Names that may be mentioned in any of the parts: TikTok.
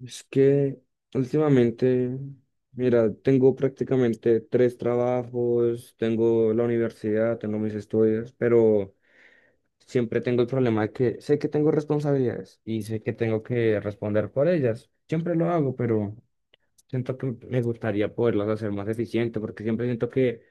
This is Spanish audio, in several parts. Es que últimamente, mira, tengo prácticamente tres trabajos, tengo la universidad, tengo mis estudios, pero siempre tengo el problema de que sé que tengo responsabilidades y sé que tengo que responder por ellas. Siempre lo hago, pero siento que me gustaría poderlas hacer más eficiente porque siempre siento que,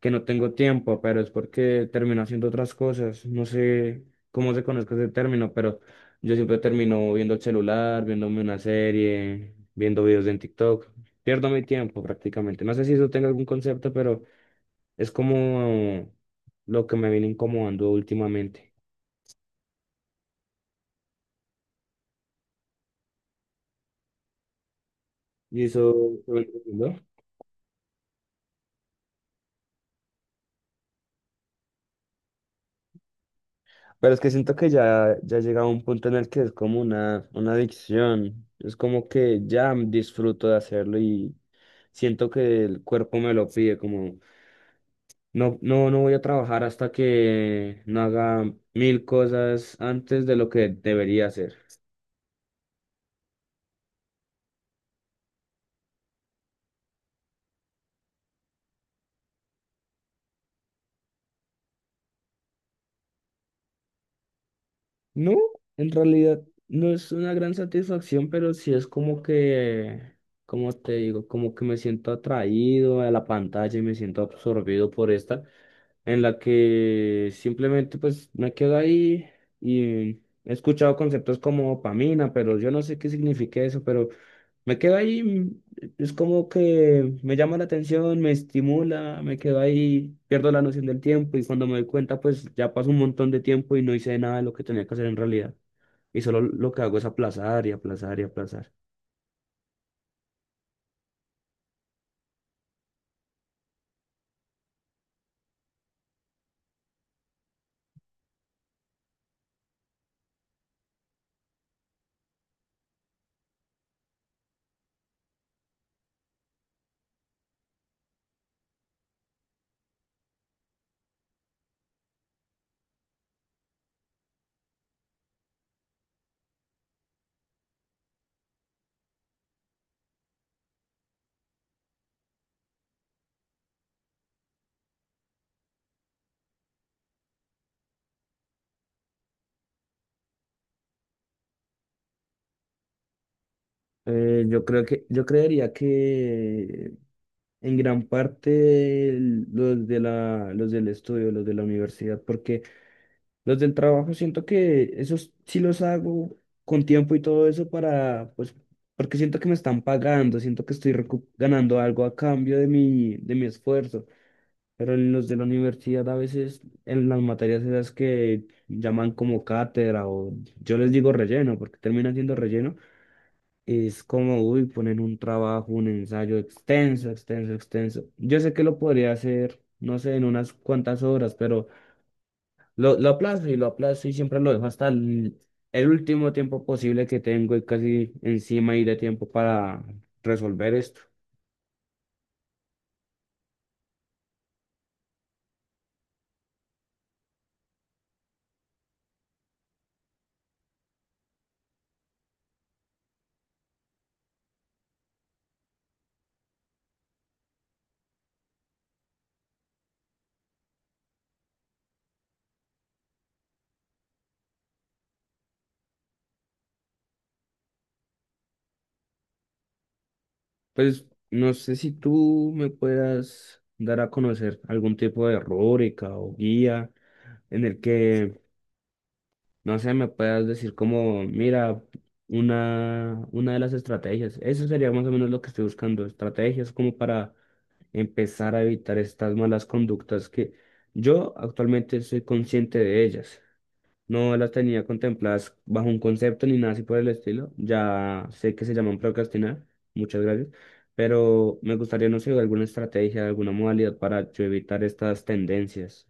que no tengo tiempo, pero es porque termino haciendo otras cosas. No sé cómo se conozca ese término, pero yo siempre termino viendo el celular, viéndome una serie, viendo videos en TikTok. Pierdo mi tiempo prácticamente. No sé si eso tenga algún concepto, pero es como lo que me viene incomodando últimamente. ¿Y eso? ¿No? Pero es que siento que ya llega a un punto en el que es como una adicción. Es como que ya disfruto de hacerlo y siento que el cuerpo me lo pide, como no, no, no voy a trabajar hasta que no haga mil cosas antes de lo que debería hacer. No, en realidad no es una gran satisfacción, pero sí es como que, como te digo, como que me siento atraído a la pantalla y me siento absorbido por esta. En la que simplemente pues me quedo ahí y he escuchado conceptos como dopamina, pero yo no sé qué significa eso, pero me quedo ahí, es como que me llama la atención, me estimula, me quedo ahí, pierdo la noción del tiempo y cuando me doy cuenta pues ya pasó un montón de tiempo y no hice nada de lo que tenía que hacer en realidad. Y solo lo que hago es aplazar y aplazar y aplazar. Yo creo que, yo creería que en gran parte los del estudio, los de la universidad, porque los del trabajo siento que esos sí los hago con tiempo y todo eso para, pues, porque siento que me están pagando, siento que estoy ganando algo a cambio de mi, esfuerzo. Pero en los de la universidad a veces en las materias esas que llaman como cátedra o yo les digo relleno, porque termina siendo relleno es como, uy, poner un trabajo, un ensayo extenso, extenso, extenso. Yo sé que lo podría hacer, no sé, en unas cuantas horas, pero lo aplazo y lo aplazo y siempre lo dejo hasta el último tiempo posible que tengo y casi encima y de tiempo para resolver esto. Pues no sé si tú me puedas dar a conocer algún tipo de rúbrica o guía en el que no sé, me puedas decir como, mira, una de las estrategias. Eso sería más o menos lo que estoy buscando, estrategias como para empezar a evitar estas malas conductas que yo actualmente soy consciente de ellas. No las tenía contempladas bajo un concepto ni nada así por el estilo. Ya sé que se llaman procrastinar. Muchas gracias. Pero me gustaría, no sé, alguna estrategia, alguna modalidad para yo evitar estas tendencias.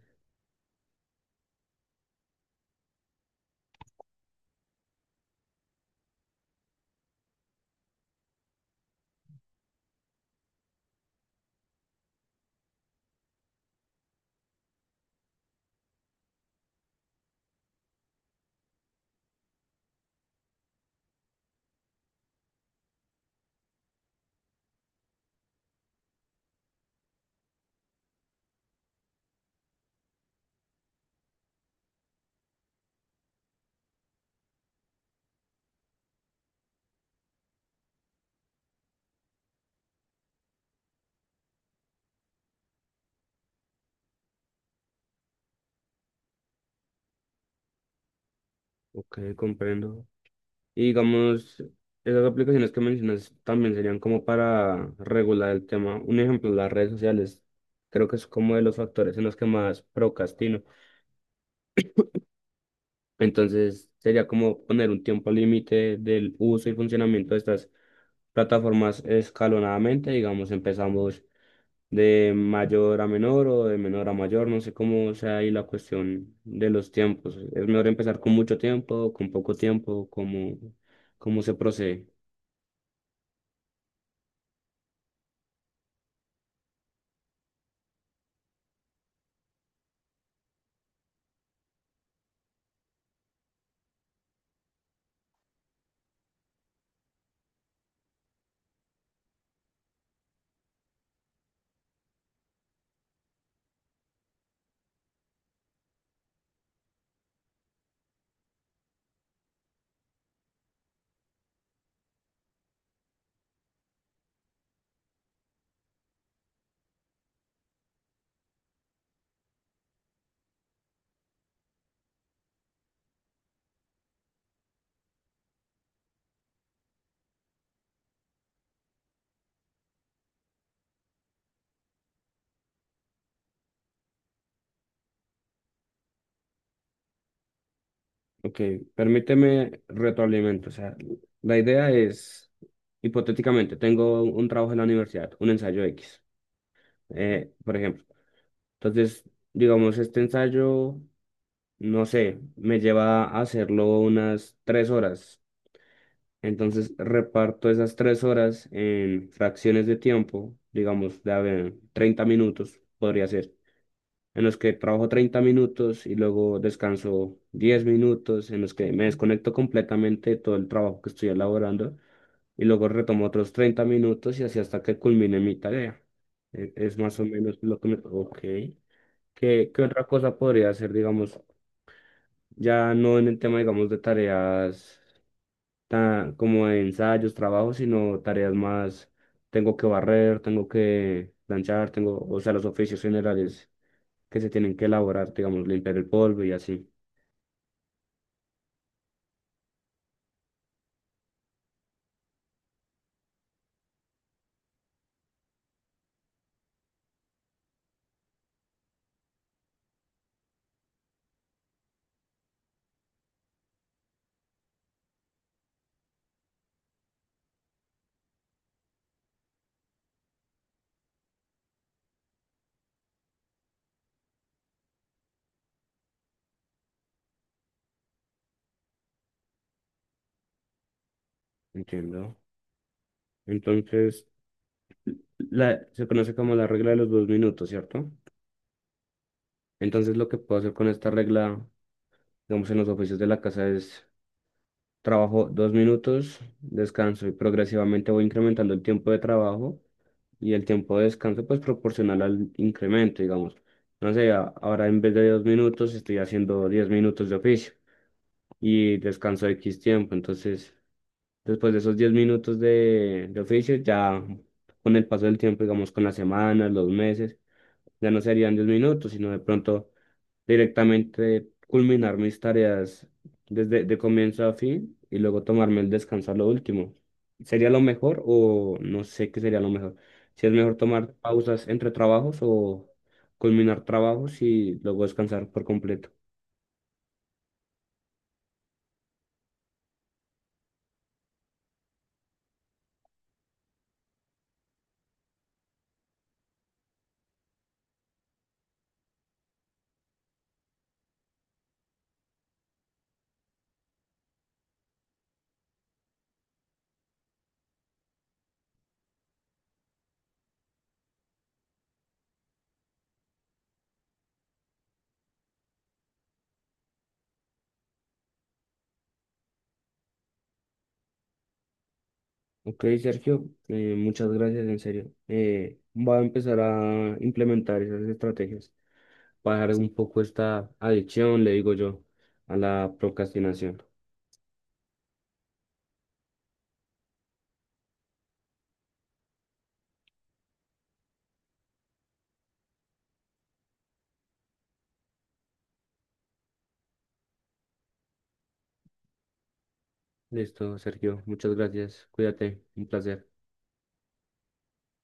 Ok, comprendo. Y digamos, esas aplicaciones que mencionas también serían como para regular el tema. Un ejemplo, las redes sociales. Creo que es como de los factores en los que más procrastino. Entonces, sería como poner un tiempo límite del uso y funcionamiento de estas plataformas escalonadamente. Digamos, empezamos de mayor a menor o de menor a mayor. No sé cómo sea ahí la cuestión de los tiempos. ¿Es mejor empezar con mucho tiempo, con poco tiempo? ¿Cómo se procede? Ok, permíteme retroalimento. O sea, la idea es, hipotéticamente, tengo un trabajo en la universidad, un ensayo X, por ejemplo. Entonces, digamos, este ensayo, no sé, me lleva a hacerlo unas 3 horas. Entonces, reparto esas 3 horas en fracciones de tiempo, digamos, de a ver, 30 minutos podría ser. En los que trabajo 30 minutos y luego descanso 10 minutos, en los que me desconecto completamente de todo el trabajo que estoy elaborando y luego retomo otros 30 minutos y así hasta que culmine mi tarea. Es más o menos lo que me. Ok. ¿Qué otra cosa podría hacer, digamos, ya no en el tema, digamos, de tareas tan, como de ensayos, trabajos, sino tareas más, tengo que barrer, tengo que planchar, tengo, o sea, los oficios generales que se tienen que elaborar, digamos, limpiar el polvo y así? Entiendo. Entonces, se conoce como la regla de los 2 minutos, ¿cierto? Entonces, lo que puedo hacer con esta regla, digamos, en los oficios de la casa es trabajo 2 minutos, descanso y progresivamente voy incrementando el tiempo de trabajo y el tiempo de descanso, pues proporcional al incremento, digamos. No sé, ahora en vez de 2 minutos estoy haciendo 10 minutos de oficio y descanso X tiempo, entonces, después de esos 10 minutos de oficio, ya con el paso del tiempo, digamos, con las semanas, los meses, ya no serían 10 minutos, sino de pronto directamente culminar mis tareas desde de comienzo a fin y luego tomarme el descanso a lo último. ¿Sería lo mejor o no sé qué sería lo mejor? Si es mejor tomar pausas entre trabajos o culminar trabajos y luego descansar por completo. Ok, Sergio, muchas gracias, en serio. Voy a empezar a implementar esas estrategias para dejar un poco esta adicción, le digo yo, a la procrastinación. Listo, Sergio, muchas gracias. Cuídate, un placer.